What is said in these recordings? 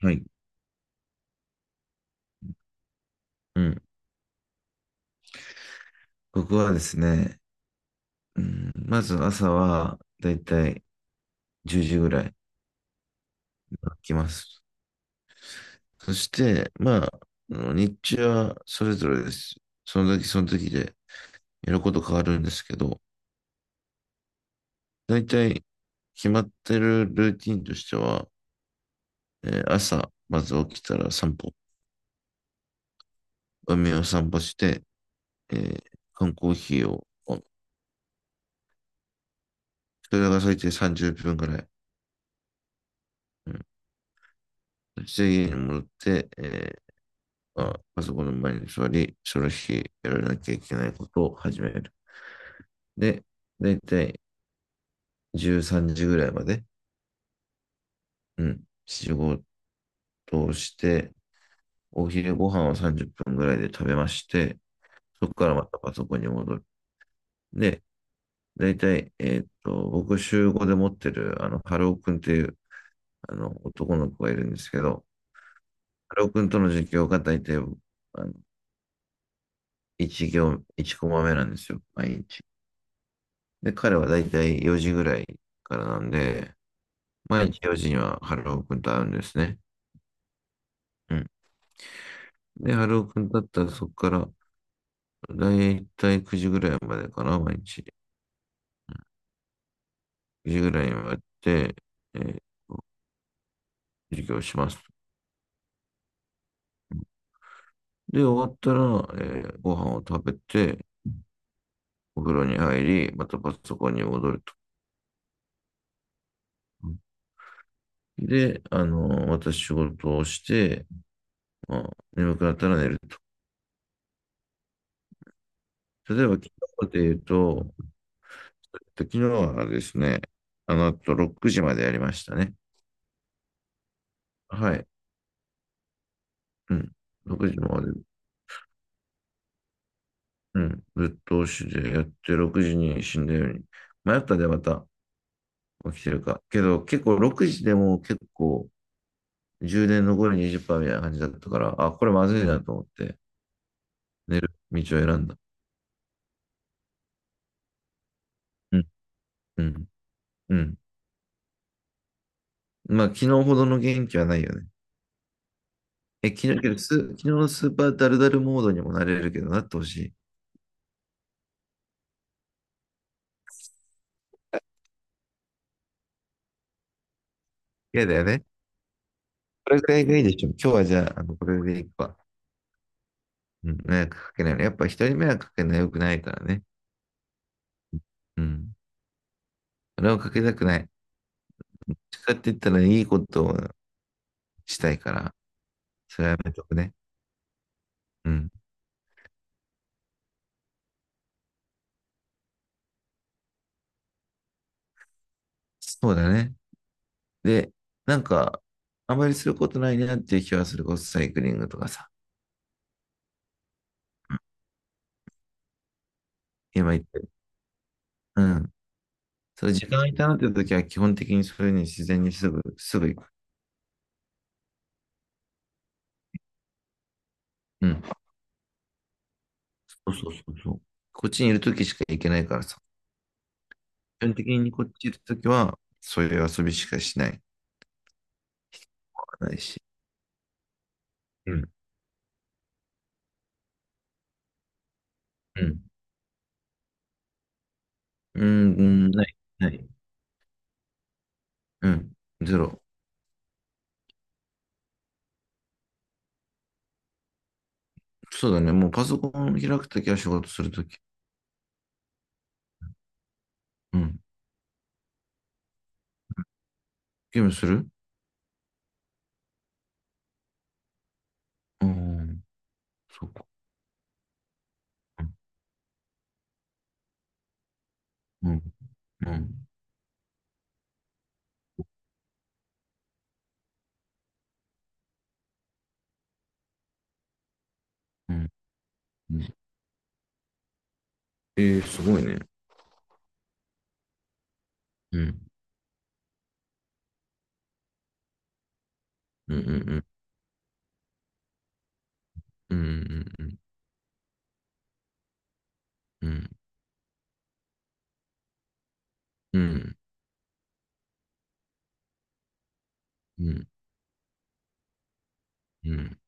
はい。うん。僕はですね、うん、まず朝はだいたい10時ぐらいに起きます。そして、まあ、あの日中はそれぞれです。その時その時でやること変わるんですけど、だいたい決まってるルーティンとしては、朝、まず起きたら散歩、海を散歩して、えー缶コーヒーを、それが最低30分ぐらい。うん。そして家に戻って、パソコンの前に座り、その日やらなきゃいけないことを始める。で、だいたい13時ぐらいまで、うん、仕事をして、お昼ご飯を30分ぐらいで食べまして、そこからまたパソコンに戻る。で、だいたい、僕週5で持ってる、ハローくんっていう、男の子がいるんですけど、ハローくんとの授業がだいたい、1行、1コマ目なんですよ、毎日。で、彼はだいたい4時ぐらいからなんで、毎日4時には春尾くんと会うんですね。うん。で、春尾くんだったらそこから、だいたい9時ぐらいまでかな、毎日。9時ぐらいまでやって、えー授業します。で、終わったら、ご飯を食べて、お風呂に入り、またパソコンに戻ると。で、私仕事をして、まあ、眠くなったら寝ると。例えば、昨日で言うと、昨日はですね、あの後6時までやりましたね。はい。うん。6時まで、うん。ぶっ通しでやって、6時に死んだように。迷ったでまた起きてるか。けど、結構6時でも結構、充電残り20%みたいな感じだったから、あ、これまずいなと思って、寝る道を選んだ。うん。うん。うん。まあ、昨日ほどの元気はないよね。え、昨日、けどス、昨日のスーパーダルダルモードにもなれるけど、なってほしい。嫌だよね。これくらいがいいでしょ。今日はじゃあ、これでいくわ。うん。迷惑かけないように。やっぱ人に迷惑かけないのは良くないからね。うん。それをかけたくない。どっちかって言ったらいいことをしたいから、それはやめとくね。うん。そうだね。で、なんか、あんまりすることないなっていう気はするこそ、サイクリングとかさ、今言ってる。うん。それ時間がいたなっていう時は、基本的にそれに自然にすぐ行く。うん。そうそうそうそう。こっちにいる時しか行けないからさ。基本的にこっちいる時は、そういう遊びしかしない。ないし。うん。うん。うん、うんない。ない。うん。ゼロ。そうだね。もうパソコン開くときは仕事するとき。うん。ゲームする？うん。そうか。うん。うん。うん。うん。えー、すごいね。うん。うん。うん。うん。うん。うん。うん。うん。うん。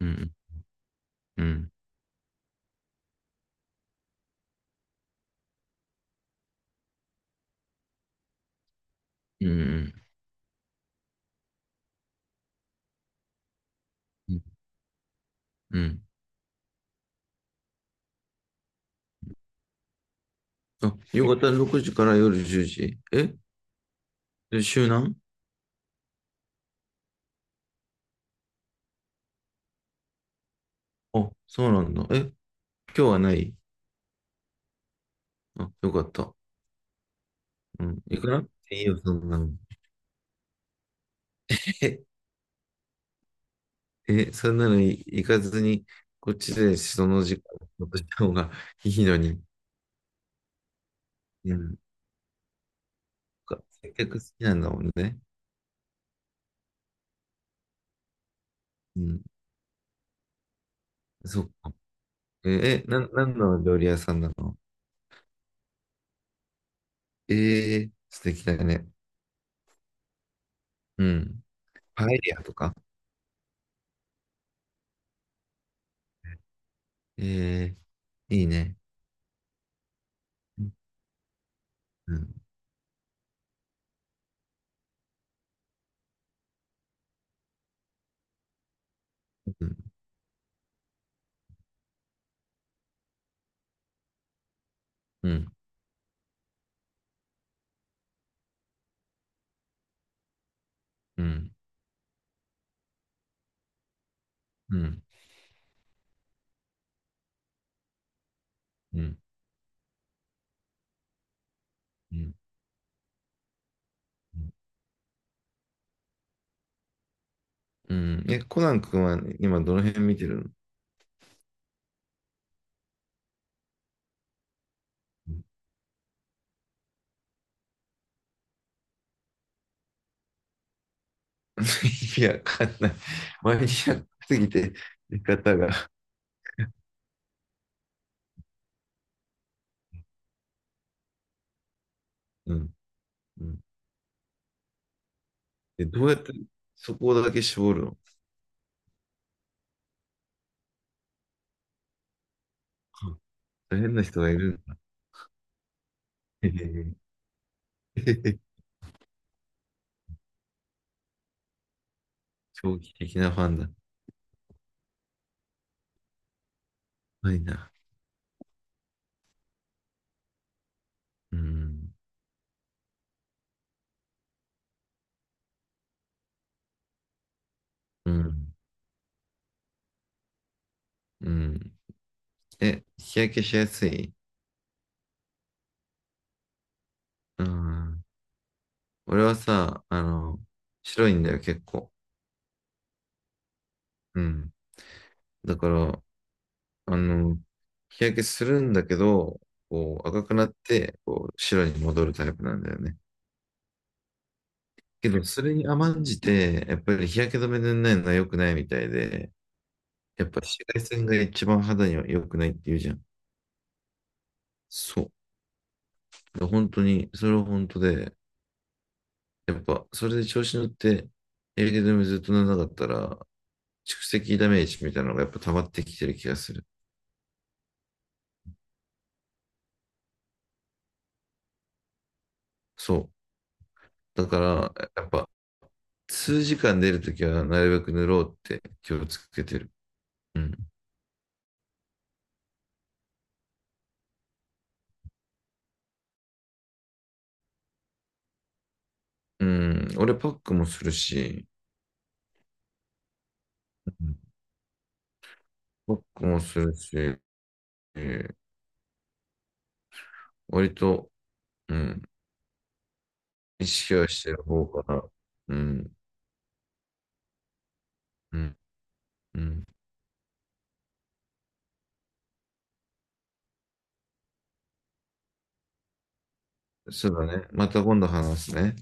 うん。うん。うん。うん。あ、夕方6時から夜10時。で、週何？あ、そうなんだ。え、今日はない？あ、よかった。うん。行くな、いいよ、そんなの。え、そんなの行かずに、こっちでその時間を落とした方がいいのに。うん。そっか、接客好きなんだもんね。うん。そっか。なんの料理屋さんなの？えー、素敵だね。うん。パエリアとか。えー、いいね。うん、うん、うん、うん、うん、うん、うん。うん。え、コナン君は今どの辺見てるの？うん。 意味わかんない。マニアックすぎて、見方が。うん。うん。え、どうやってそこだけ絞るの？大変な人がいるんだ。へへへへ 長期的なファンだ。ないな。うん。うん。うん。え、日焼けしやすい？うん。俺はさ、白いんだよ、結構。うん。だから、あの、日焼けするんだけど、こう赤くなって、こう白に戻るタイプなんだよね。けど、それに甘んじて、やっぱり日焼け止め塗んないのは良くないみたいで、やっぱ紫外線が一番肌には良くないって言うじゃん。そう。本当に、それは本当で、やっぱ、それで調子乗って、日焼け止めずっと塗らなかったら、蓄積ダメージみたいなのがやっぱ溜まってきてる気がする。そう。だから、やっぱ、数時間出るときはなるべく塗ろうって気をつけてる。うん。うん。俺パックもするし、うん、パックもするし、割と、うん、意識はしてる方かな。うん、うん、うん。そうだね。また今度話すね。